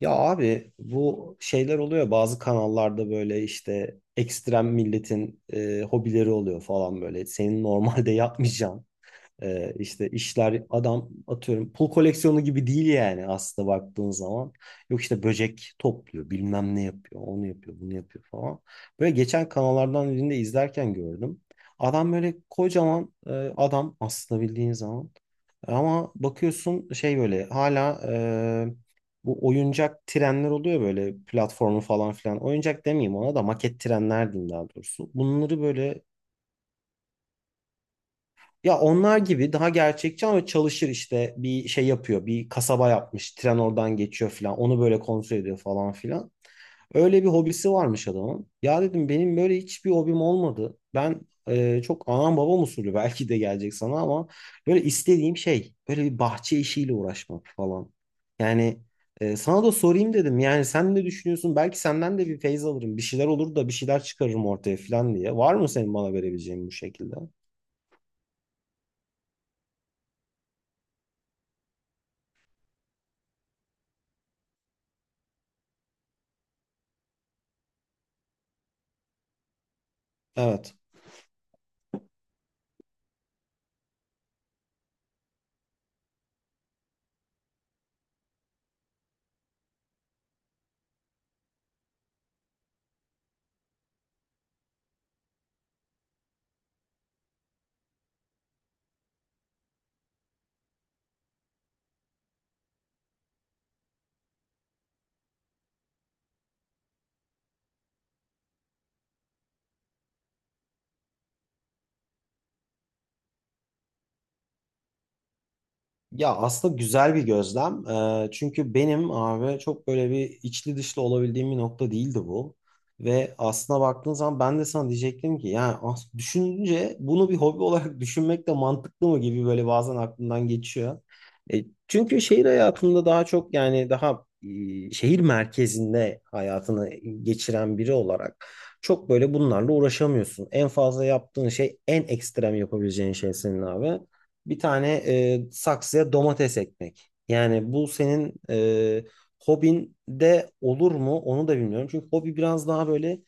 Ya abi bu şeyler oluyor bazı kanallarda böyle işte ekstrem milletin hobileri oluyor falan böyle. Senin normalde yapmayacağın işte işler adam atıyorum pul koleksiyonu gibi değil yani aslında baktığın zaman. Yok işte böcek topluyor bilmem ne yapıyor onu yapıyor bunu yapıyor falan. Böyle geçen kanallardan birinde izlerken gördüm. Adam böyle kocaman adam aslında bildiğin zaman. Ama bakıyorsun şey böyle hala e, bu oyuncak trenler oluyor böyle platformu falan filan. Oyuncak demeyeyim, ona da maket trenler diyeyim daha doğrusu. Bunları böyle ya onlar gibi daha gerçekçi ama çalışır, işte bir şey yapıyor. Bir kasaba yapmış. Tren oradan geçiyor falan. Onu böyle kontrol ediyor falan filan. Öyle bir hobisi varmış adamın. Ya dedim benim böyle hiçbir hobim olmadı. Ben çok anam babam usulü belki de gelecek sana ama böyle istediğim şey böyle bir bahçe işiyle uğraşmak falan. Yani sana da sorayım dedim. Yani sen ne düşünüyorsun? Belki senden de bir feyz alırım. Bir şeyler olur da bir şeyler çıkarırım ortaya falan diye. Var mı senin bana verebileceğin bu şekilde? Evet. Ya aslında güzel bir gözlem. Çünkü benim abi çok böyle bir içli dışlı olabildiğim bir nokta değildi bu. Ve aslına baktığın zaman ben de sana diyecektim ki yani düşününce bunu bir hobi olarak düşünmek de mantıklı mı gibi böyle bazen aklımdan geçiyor. E, çünkü şehir hayatında daha çok yani daha şehir merkezinde hayatını geçiren biri olarak çok böyle bunlarla uğraşamıyorsun. En fazla yaptığın şey, en ekstrem yapabileceğin şey senin abi bir tane saksıya domates ekmek. Yani bu senin hobin de olur mu onu da bilmiyorum. Çünkü hobi biraz daha böyle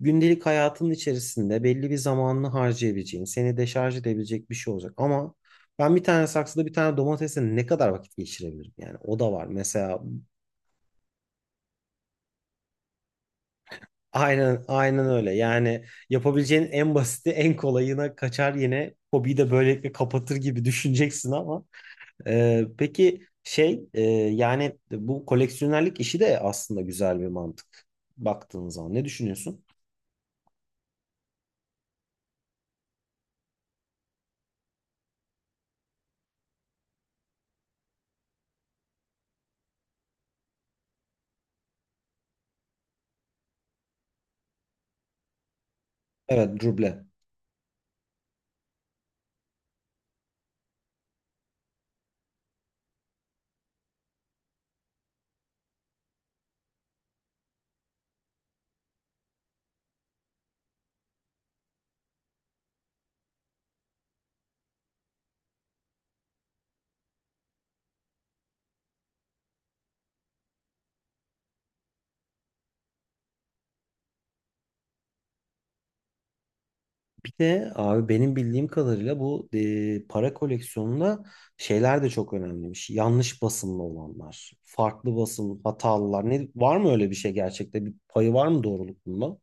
gündelik hayatının içerisinde belli bir zamanını harcayabileceğin, seni deşarj edebilecek bir şey olacak. Ama ben bir tane saksıda bir tane domatesle ne kadar vakit geçirebilirim? Yani o da var. Mesela aynen aynen öyle. Yani yapabileceğin en basiti, en kolayına kaçar yine hobiyi de böylelikle kapatır gibi düşüneceksin ama peki şey yani bu koleksiyonerlik işi de aslında güzel bir mantık baktığın zaman. Ne düşünüyorsun? Evet, ruble. Bir de abi benim bildiğim kadarıyla bu para koleksiyonunda şeyler de çok önemliymiş. Yanlış basımlı olanlar, farklı basım, hatalılar. Ne, var mı öyle bir şey gerçekte? Bir payı var mı doğruluk bunda?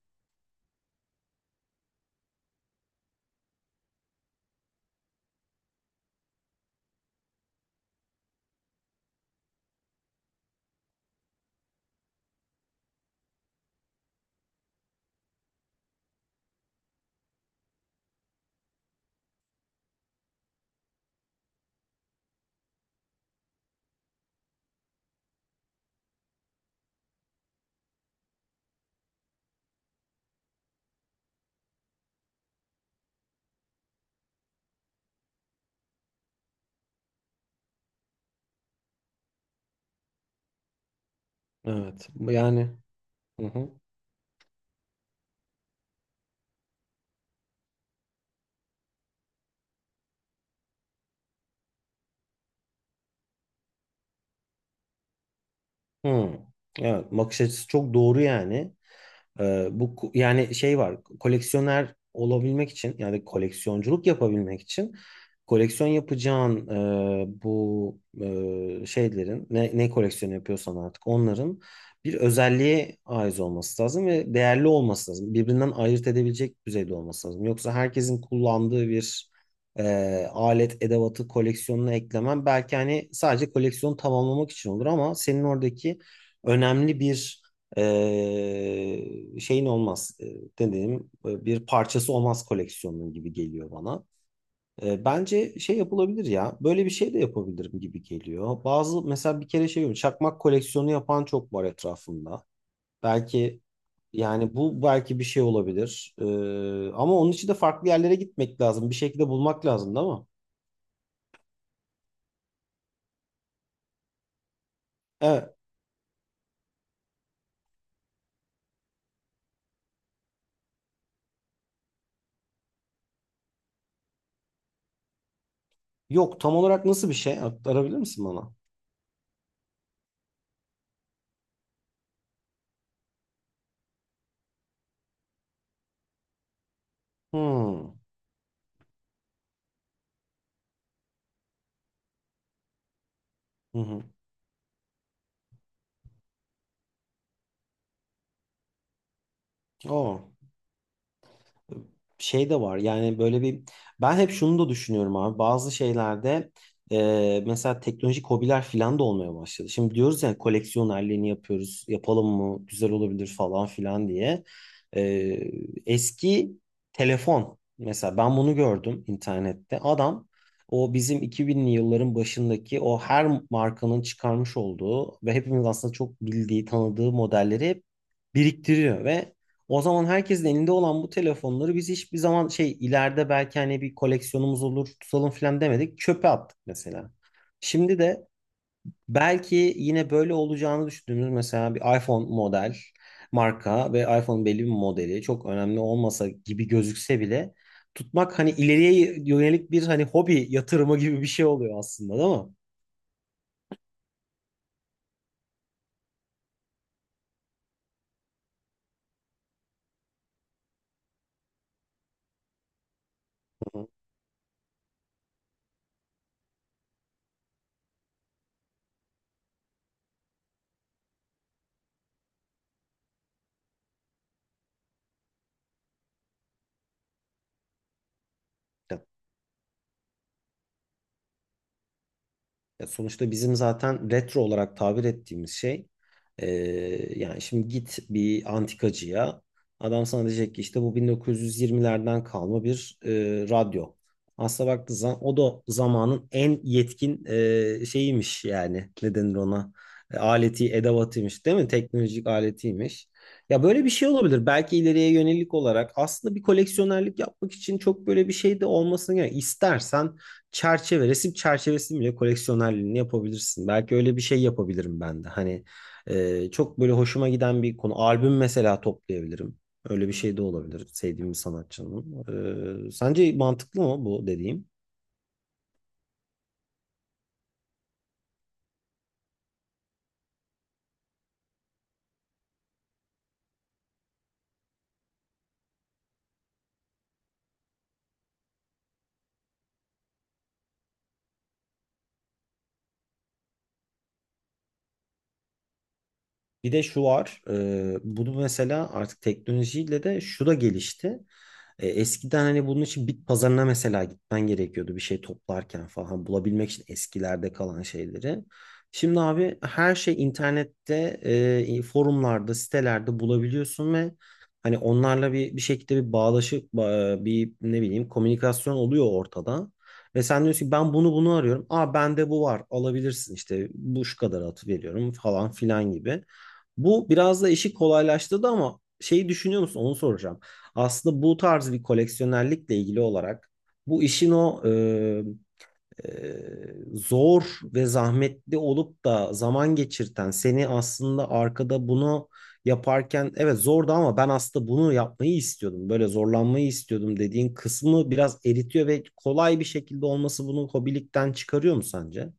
Evet. Yani. Hı hı. Hı. Evet, bakış açısı çok doğru yani. Bu yani şey var, koleksiyoner olabilmek için yani koleksiyonculuk yapabilmek için koleksiyon yapacağın bu şeylerin, ne, ne koleksiyonu yapıyorsan artık onların bir özelliğe ait olması lazım ve değerli olması lazım. Birbirinden ayırt edebilecek düzeyde olması lazım. Yoksa herkesin kullandığı bir e, alet edevatı koleksiyonuna eklemen belki hani sadece koleksiyonu tamamlamak için olur ama senin oradaki önemli bir şeyin olmaz, dediğim bir parçası olmaz koleksiyonun gibi geliyor bana. E, bence şey yapılabilir ya, böyle bir şey de yapabilirim gibi geliyor. Bazı mesela bir kere şey çakmak koleksiyonu yapan çok var etrafımda. Belki yani bu belki bir şey olabilir. E, ama onun için de farklı yerlere gitmek lazım. Bir şekilde bulmak lazım, değil mi? Evet. Yok, tam olarak nasıl bir şey? Arabilir misin bana? Hmm. Hı hı. Aa. Şey de var yani böyle bir ben hep şunu da düşünüyorum abi bazı şeylerde mesela teknolojik hobiler falan da olmaya başladı. Şimdi diyoruz ya koleksiyonerliğini yapıyoruz, yapalım mı, güzel olabilir falan filan diye. E, eski telefon mesela, ben bunu gördüm internette, adam o bizim 2000'li yılların başındaki o her markanın çıkarmış olduğu ve hepimiz aslında çok bildiği tanıdığı modelleri hep biriktiriyor ve o zaman herkesin elinde olan bu telefonları biz hiçbir zaman şey, ileride belki hani bir koleksiyonumuz olur tutalım falan demedik. Çöpe attık mesela. Şimdi de belki yine böyle olacağını düşündüğümüz mesela bir iPhone model marka ve iPhone belli bir modeli çok önemli olmasa gibi gözükse bile tutmak hani ileriye yönelik bir hani hobi yatırımı gibi bir şey oluyor aslında, değil mi? Hı hı. Ya sonuçta bizim zaten retro olarak tabir ettiğimiz şey, e, yani şimdi git bir antikacıya, adam sana diyecek ki işte bu 1920'lerden kalma bir radyo. Aslına baktığı zaman o da zamanın en yetkin şeyiymiş, yani ne denir ona. E, aleti edevatıymış, değil mi? Teknolojik aletiymiş. Ya böyle bir şey olabilir. Belki ileriye yönelik olarak aslında bir koleksiyonerlik yapmak için çok böyle bir şey de olmasını gerek. İstersen çerçeve, resim çerçevesini bile koleksiyonerliğini yapabilirsin. Belki öyle bir şey yapabilirim ben de. Hani çok böyle hoşuma giden bir konu. Albüm mesela toplayabilirim. Öyle bir şey de olabilir, sevdiğim bir sanatçının. E, sence mantıklı mı bu dediğim? Bir de şu var, bunu mesela artık teknolojiyle de şu da gelişti. E, eskiden hani bunun için bit pazarına mesela gitmen gerekiyordu bir şey toplarken falan, bulabilmek için eskilerde kalan şeyleri. Şimdi abi her şey internette, forumlarda, sitelerde bulabiliyorsun ve hani onlarla bir şekilde bir bağlaşıp bir ne bileyim komünikasyon oluyor ortada. Ve sen diyorsun ki ben bunu bunu arıyorum. Aa, bende bu var, alabilirsin işte, bu şu kadar at, veriyorum falan filan gibi. Bu biraz da işi kolaylaştırdı ama şeyi düşünüyor musun? Onu soracağım. Aslında bu tarz bir koleksiyonerlikle ilgili olarak bu işin o e, zor ve zahmetli olup da zaman geçirten, seni aslında arkada bunu yaparken evet zordu ama ben aslında bunu yapmayı istiyordum. Böyle zorlanmayı istiyordum dediğin kısmı biraz eritiyor ve kolay bir şekilde olması bunu hobilikten çıkarıyor mu sence?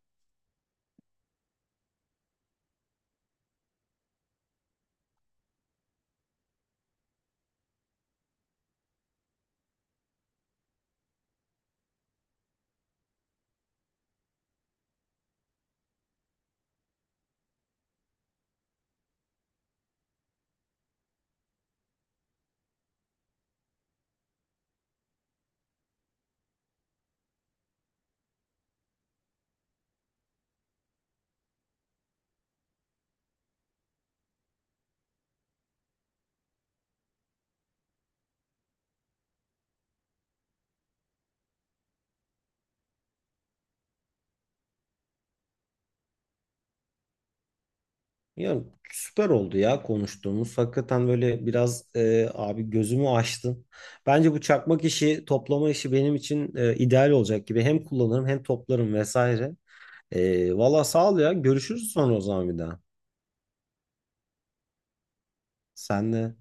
Ya süper oldu ya konuştuğumuz. Hakikaten böyle biraz abi gözümü açtın. Bence bu çakmak işi, toplama işi benim için ideal olacak gibi. Hem kullanırım hem toplarım vesaire. E, valla sağ ol ya. Görüşürüz sonra o zaman bir daha. Senle.